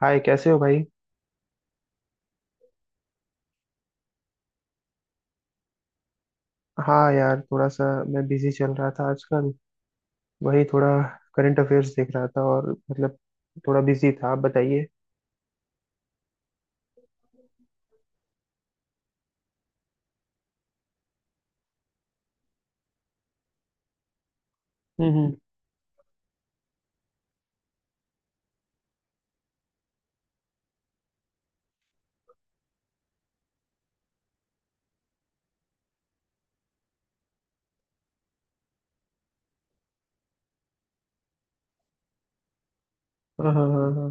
हाय, कैसे हो भाई। हाँ यार, थोड़ा सा मैं बिजी चल रहा था आजकल। वही थोड़ा करंट अफेयर्स देख रहा था और मतलब थोड़ा बिजी था। आप बताइए। हम्म। हाँ हाँ हाँ हाँ।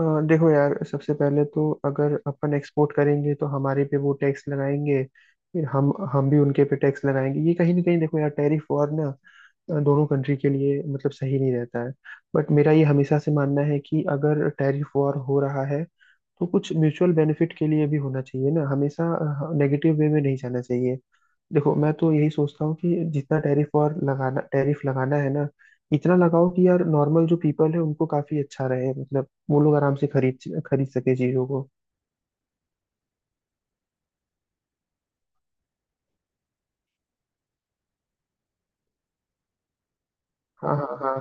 हाँ, देखो यार, सबसे पहले तो अगर अपन एक्सपोर्ट करेंगे तो हमारे पे वो टैक्स लगाएंगे। फिर हम भी उनके पे टैक्स लगाएंगे। ये कहीं ना कहीं, देखो यार, टैरिफ वॉर ना दोनों कंट्री के लिए मतलब सही नहीं रहता है। बट मेरा ये हमेशा से मानना है कि अगर टैरिफ वॉर हो रहा है तो कुछ म्यूचुअल बेनिफिट के लिए भी होना चाहिए ना हमेशा। नेगेटिव वे में नहीं जाना चाहिए। देखो, मैं तो यही सोचता हूँ कि जितना टैरिफ और लगाना टैरिफ लगाना है ना, इतना लगाओ कि यार नॉर्मल जो पीपल है उनको काफी अच्छा रहे, मतलब वो लोग आराम से खरीद खरीद सके चीजों को। हाँ हाँ हाँ।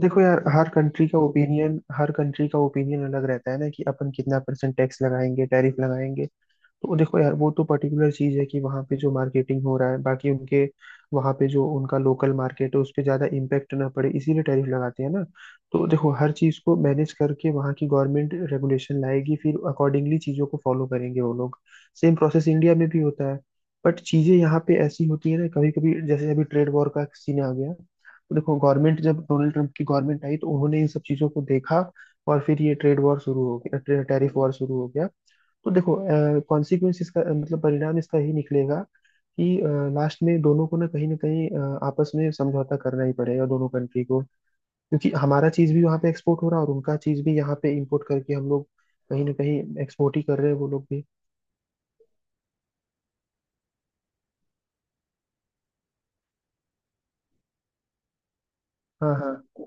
देखो यार, हर कंट्री का ओपिनियन अलग रहता है ना कि अपन कितना परसेंट टैक्स लगाएंगे, टैरिफ लगाएंगे। तो देखो यार वो तो पर्टिकुलर चीज है कि वहाँ पे जो मार्केटिंग हो रहा है, बाकी उनके वहाँ पे जो उनका लोकल मार्केट है उस पर ज्यादा इम्पेक्ट ना पड़े इसीलिए टैरिफ लगाते हैं ना। तो देखो हर चीज को मैनेज करके वहाँ की गवर्नमेंट रेगुलेशन लाएगी, फिर अकॉर्डिंगली चीजों को फॉलो करेंगे वो लोग। सेम प्रोसेस इंडिया में भी होता है। बट चीजें यहाँ पे ऐसी होती है ना कभी कभी, जैसे अभी ट्रेड वॉर का सीन आ गया तो देखो गवर्नमेंट, जब डोनाल्ड ट्रंप की गवर्नमेंट आई तो उन्होंने इन सब चीजों को देखा और फिर ये ट्रेड वॉर शुरू हो गया, टैरिफ वॉर शुरू हो गया। तो देखो, कॉन्सिक्वेंस इसका मतलब परिणाम इसका ही निकलेगा कि लास्ट में दोनों को ना कहीं आपस में समझौता करना ही पड़ेगा, दोनों कंट्री को। क्योंकि हमारा चीज भी वहाँ पे एक्सपोर्ट हो रहा है और उनका चीज भी यहाँ पे इंपोर्ट करके हम लोग कहीं ना कहीं एक्सपोर्ट ही कर रहे हैं, वो लोग भी। हाँ हाँ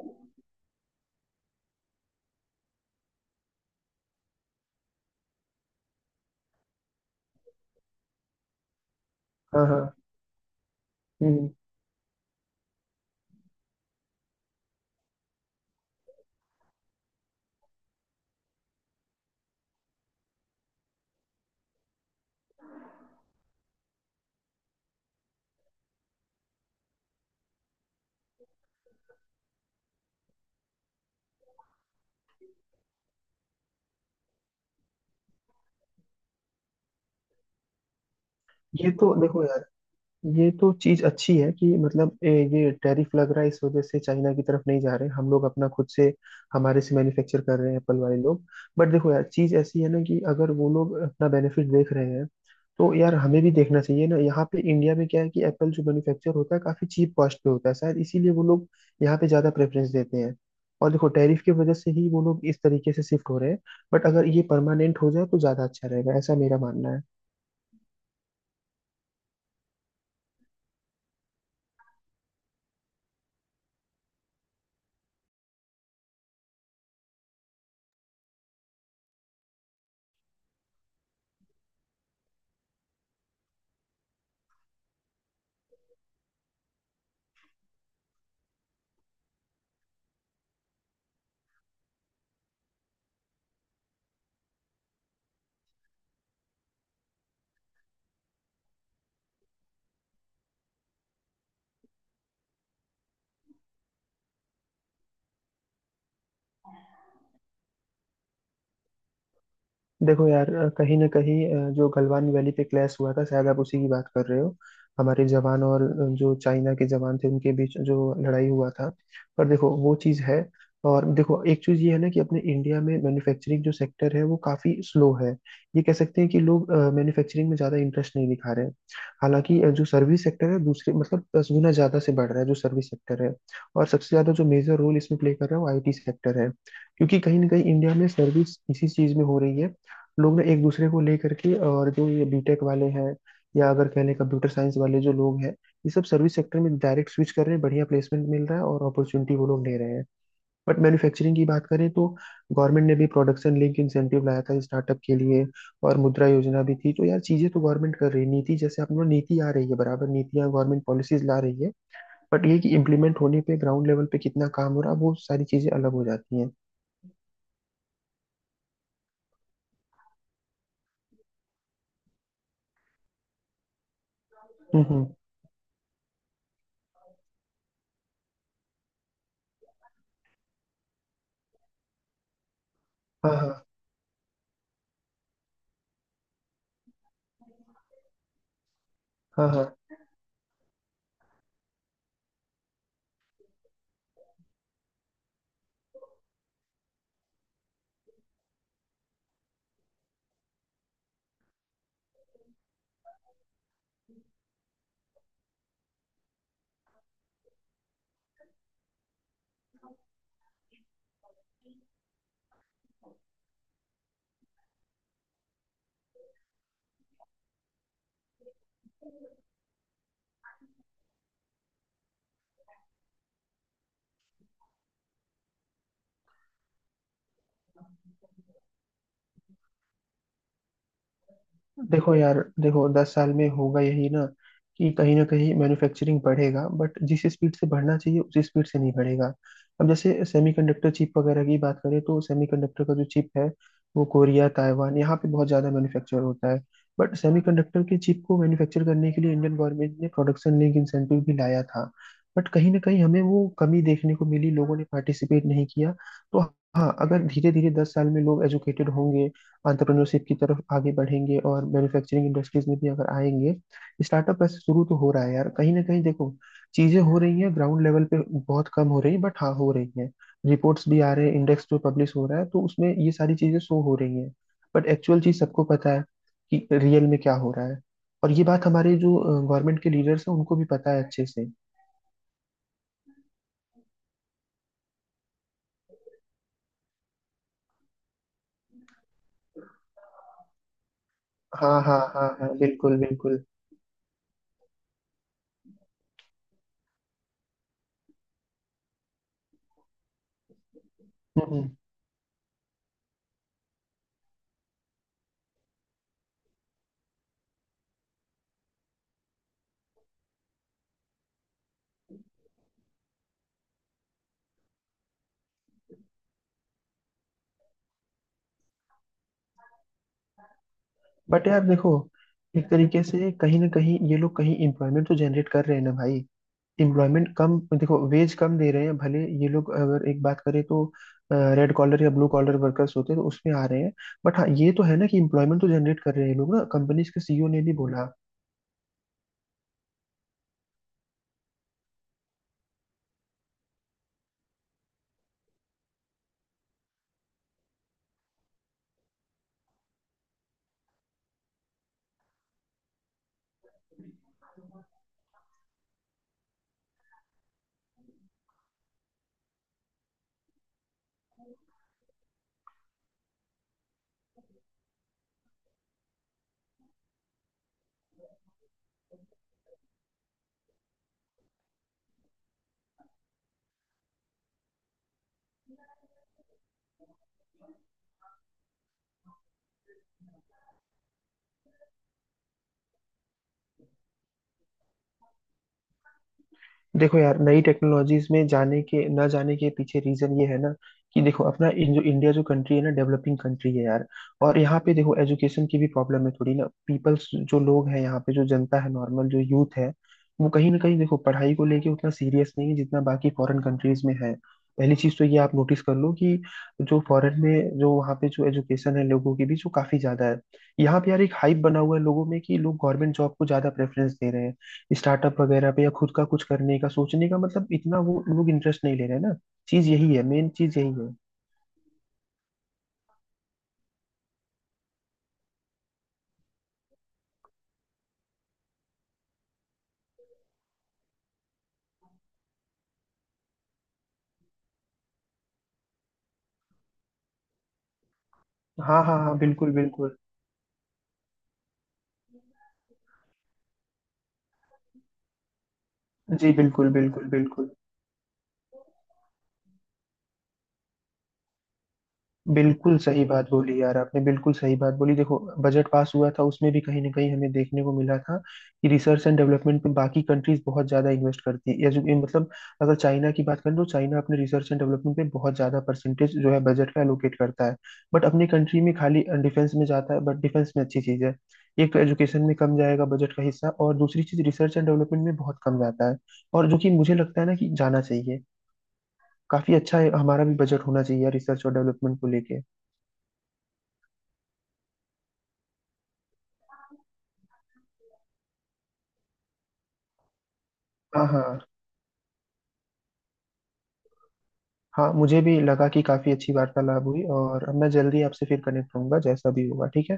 हाँ हाँ। हम्म। ये तो देखो यार, ये तो चीज अच्छी है कि मतलब ये टैरिफ लग रहा है इस वजह से चाइना की तरफ नहीं जा रहे हम लोग अपना, खुद से हमारे से मैन्युफैक्चर कर रहे हैं एप्पल वाले लोग। बट देखो यार चीज ऐसी है ना कि अगर वो लोग अपना बेनिफिट देख रहे हैं तो यार हमें भी देखना चाहिए ना। यहाँ पे इंडिया में क्या है कि एप्पल जो मैन्युफैक्चर होता है काफी चीप कॉस्ट पे होता है, शायद इसीलिए वो लोग यहाँ पे ज्यादा प्रेफरेंस देते हैं। और देखो टैरिफ की वजह से ही वो लोग इस तरीके से शिफ्ट हो रहे हैं। बट अगर ये परमानेंट हो जाए तो ज्यादा अच्छा रहेगा, ऐसा मेरा मानना है। देखो यार कहीं ना कहीं जो गलवान वैली पे क्लैश हुआ था शायद आप उसी की बात कर रहे हो। हमारे जवान और जो चाइना के जवान थे उनके बीच जो लड़ाई हुआ था। पर देखो वो चीज़ है। और देखो एक चीज़ ये है ना कि अपने इंडिया में मैन्युफैक्चरिंग जो सेक्टर है वो काफ़ी स्लो है। ये कह सकते हैं कि लोग मैन्युफैक्चरिंग में ज़्यादा इंटरेस्ट नहीं दिखा रहे हैं। हालांकि जो सर्विस सेक्टर है दूसरे मतलब 10 गुना ज़्यादा से बढ़ रहा है, जो सर्विस सेक्टर है। और सबसे ज़्यादा जो मेजर रोल इसमें प्ले कर रहा है वो आईटी सेक्टर है। क्योंकि कहीं ना कहीं इंडिया में सर्विस इसी चीज़ में हो रही है। लोग ना एक दूसरे को लेकर के, और जो ये बीटेक वाले हैं या अगर कह लें कंप्यूटर साइंस वाले जो लोग हैं ये सब सर्विस सेक्टर में डायरेक्ट स्विच कर रहे हैं, बढ़िया प्लेसमेंट मिल रहा है और अपॉर्चुनिटी वो लोग ले रहे हैं। बट मैन्युफैक्चरिंग की बात करें तो गवर्नमेंट ने भी प्रोडक्शन लिंक इंसेंटिव लाया था स्टार्टअप के लिए, और मुद्रा योजना भी थी। तो यार चीजें तो गवर्नमेंट कर रही है, नीति जैसे अपना नीति आ रही है बराबर, नीतियाँ गवर्नमेंट पॉलिसीज ला रही है। बट ये कि इम्प्लीमेंट होने पे ग्राउंड लेवल पे कितना काम हो रहा है वो सारी चीजें अलग हो जाती हैं। हम्म। हाँ हाँ हाँ हाँ। देखो यार, देखो 10 साल में होगा यही ना कि कहीं ना कहीं मैन्युफैक्चरिंग बढ़ेगा बट जिस स्पीड से बढ़ना चाहिए उसी स्पीड से नहीं बढ़ेगा। अब जैसे सेमीकंडक्टर चिप वगैरह की बात करें तो सेमीकंडक्टर का जो चिप है वो कोरिया, ताइवान, यहाँ पे बहुत ज़्यादा मैन्युफैक्चर होता है। बट सेमीकंडक्टर के चिप को मैन्युफैक्चर करने के लिए इंडियन गवर्नमेंट ने प्रोडक्शन लिंक इंसेंटिव भी लाया था। बट कहीं ना कहीं हमें वो कमी देखने को मिली, लोगों ने पार्टिसिपेट नहीं किया। तो हाँ, अगर धीरे धीरे 10 साल में लोग एजुकेटेड होंगे, एंटरप्रेन्योरशिप की तरफ आगे बढ़ेंगे और मैन्युफैक्चरिंग इंडस्ट्रीज में भी अगर आएंगे। स्टार्टअप वैसे शुरू तो हो रहा है यार, कहीं ना कहीं। देखो चीजें हो रही हैं ग्राउंड लेवल पे, बहुत कम हो रही है बट हाँ हो रही हैं। रिपोर्ट्स भी आ रहे हैं, इंडेक्स जो पब्लिश हो रहा है तो उसमें ये सारी चीजें शो हो रही हैं। बट एक्चुअल चीज सबको पता है कि रियल में क्या हो रहा है। और ये बात हमारे जो गवर्नमेंट के लीडर्स हैं उनको भी पता है अच्छे से। हाँ हाँ हाँ हाँ, बिल्कुल बिल्कुल। हम्म। बट यार देखो, एक तरीके से कहीं ना कहीं ये लोग कहीं एम्प्लॉयमेंट तो जनरेट कर रहे हैं ना भाई। एम्प्लॉयमेंट कम, देखो वेज कम दे रहे हैं भले ये लोग, अगर एक बात करें तो रेड कॉलर या ब्लू कॉलर वर्कर्स होते हैं तो उसमें आ रहे हैं। बट हाँ ये तो है ना कि एम्प्लॉयमेंट तो जनरेट कर रहे हैं ये लोग ना, कंपनीज के सीईओ ने भी बोला। देखो यार, नई टेक्नोलॉजीज में जाने के ना जाने के पीछे रीजन ये है ना कि देखो अपना जो इंडिया, जो कंट्री है ना, डेवलपिंग कंट्री है यार। और यहाँ पे देखो एजुकेशन की भी प्रॉब्लम है थोड़ी ना, पीपल्स जो लोग हैं यहाँ पे, जो जनता है, नॉर्मल जो यूथ है वो कहीं ना कहीं देखो पढ़ाई को लेके उतना सीरियस नहीं है जितना बाकी फॉरेन कंट्रीज में है। पहली चीज तो ये आप नोटिस कर लो कि जो फॉरेन में, जो वहाँ पे जो एजुकेशन है लोगों की भी, जो काफी ज्यादा है। यहाँ पे यार एक हाइप बना हुआ है लोगों में कि लोग गवर्नमेंट जॉब को ज्यादा प्रेफरेंस दे रहे हैं, स्टार्टअप वगैरह पे या खुद का कुछ करने का सोचने का मतलब इतना वो लोग इंटरेस्ट नहीं ले रहे हैं ना। चीज यही है, मेन चीज यही है। हाँ हाँ हाँ, बिल्कुल बिल्कुल। जी बिल्कुल बिल्कुल बिल्कुल। बिल्कुल सही बात बोली यार आपने, बिल्कुल सही बात बोली। देखो बजट पास हुआ था, उसमें भी कहीं ना कहीं हमें देखने को मिला था कि रिसर्च एंड डेवलपमेंट पे बाकी कंट्रीज बहुत ज्यादा इन्वेस्ट करती है। या जो ये मतलब, अगर चाइना की बात करें तो चाइना अपने रिसर्च एंड डेवलपमेंट पे बहुत ज्यादा परसेंटेज, जो है बजट का, एलोकेट करता है। बट अपनी कंट्री में खाली डिफेंस में जाता है, बट डिफेंस में अच्छी चीज है। एक तो एजुकेशन में कम जाएगा बजट का हिस्सा, और दूसरी चीज रिसर्च एंड डेवलपमेंट में बहुत कम जाता है, और जो कि मुझे लगता है ना कि जाना चाहिए। काफी अच्छा है, हमारा भी बजट होना चाहिए रिसर्च और डेवलपमेंट को लेके। हाँ हाँ हाँ। मुझे भी लगा कि काफी अच्छी वार्तालाप हुई, और मैं जल्दी आपसे फिर कनेक्ट होऊंगा जैसा भी होगा, ठीक है।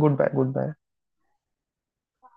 Goodbye, good bye.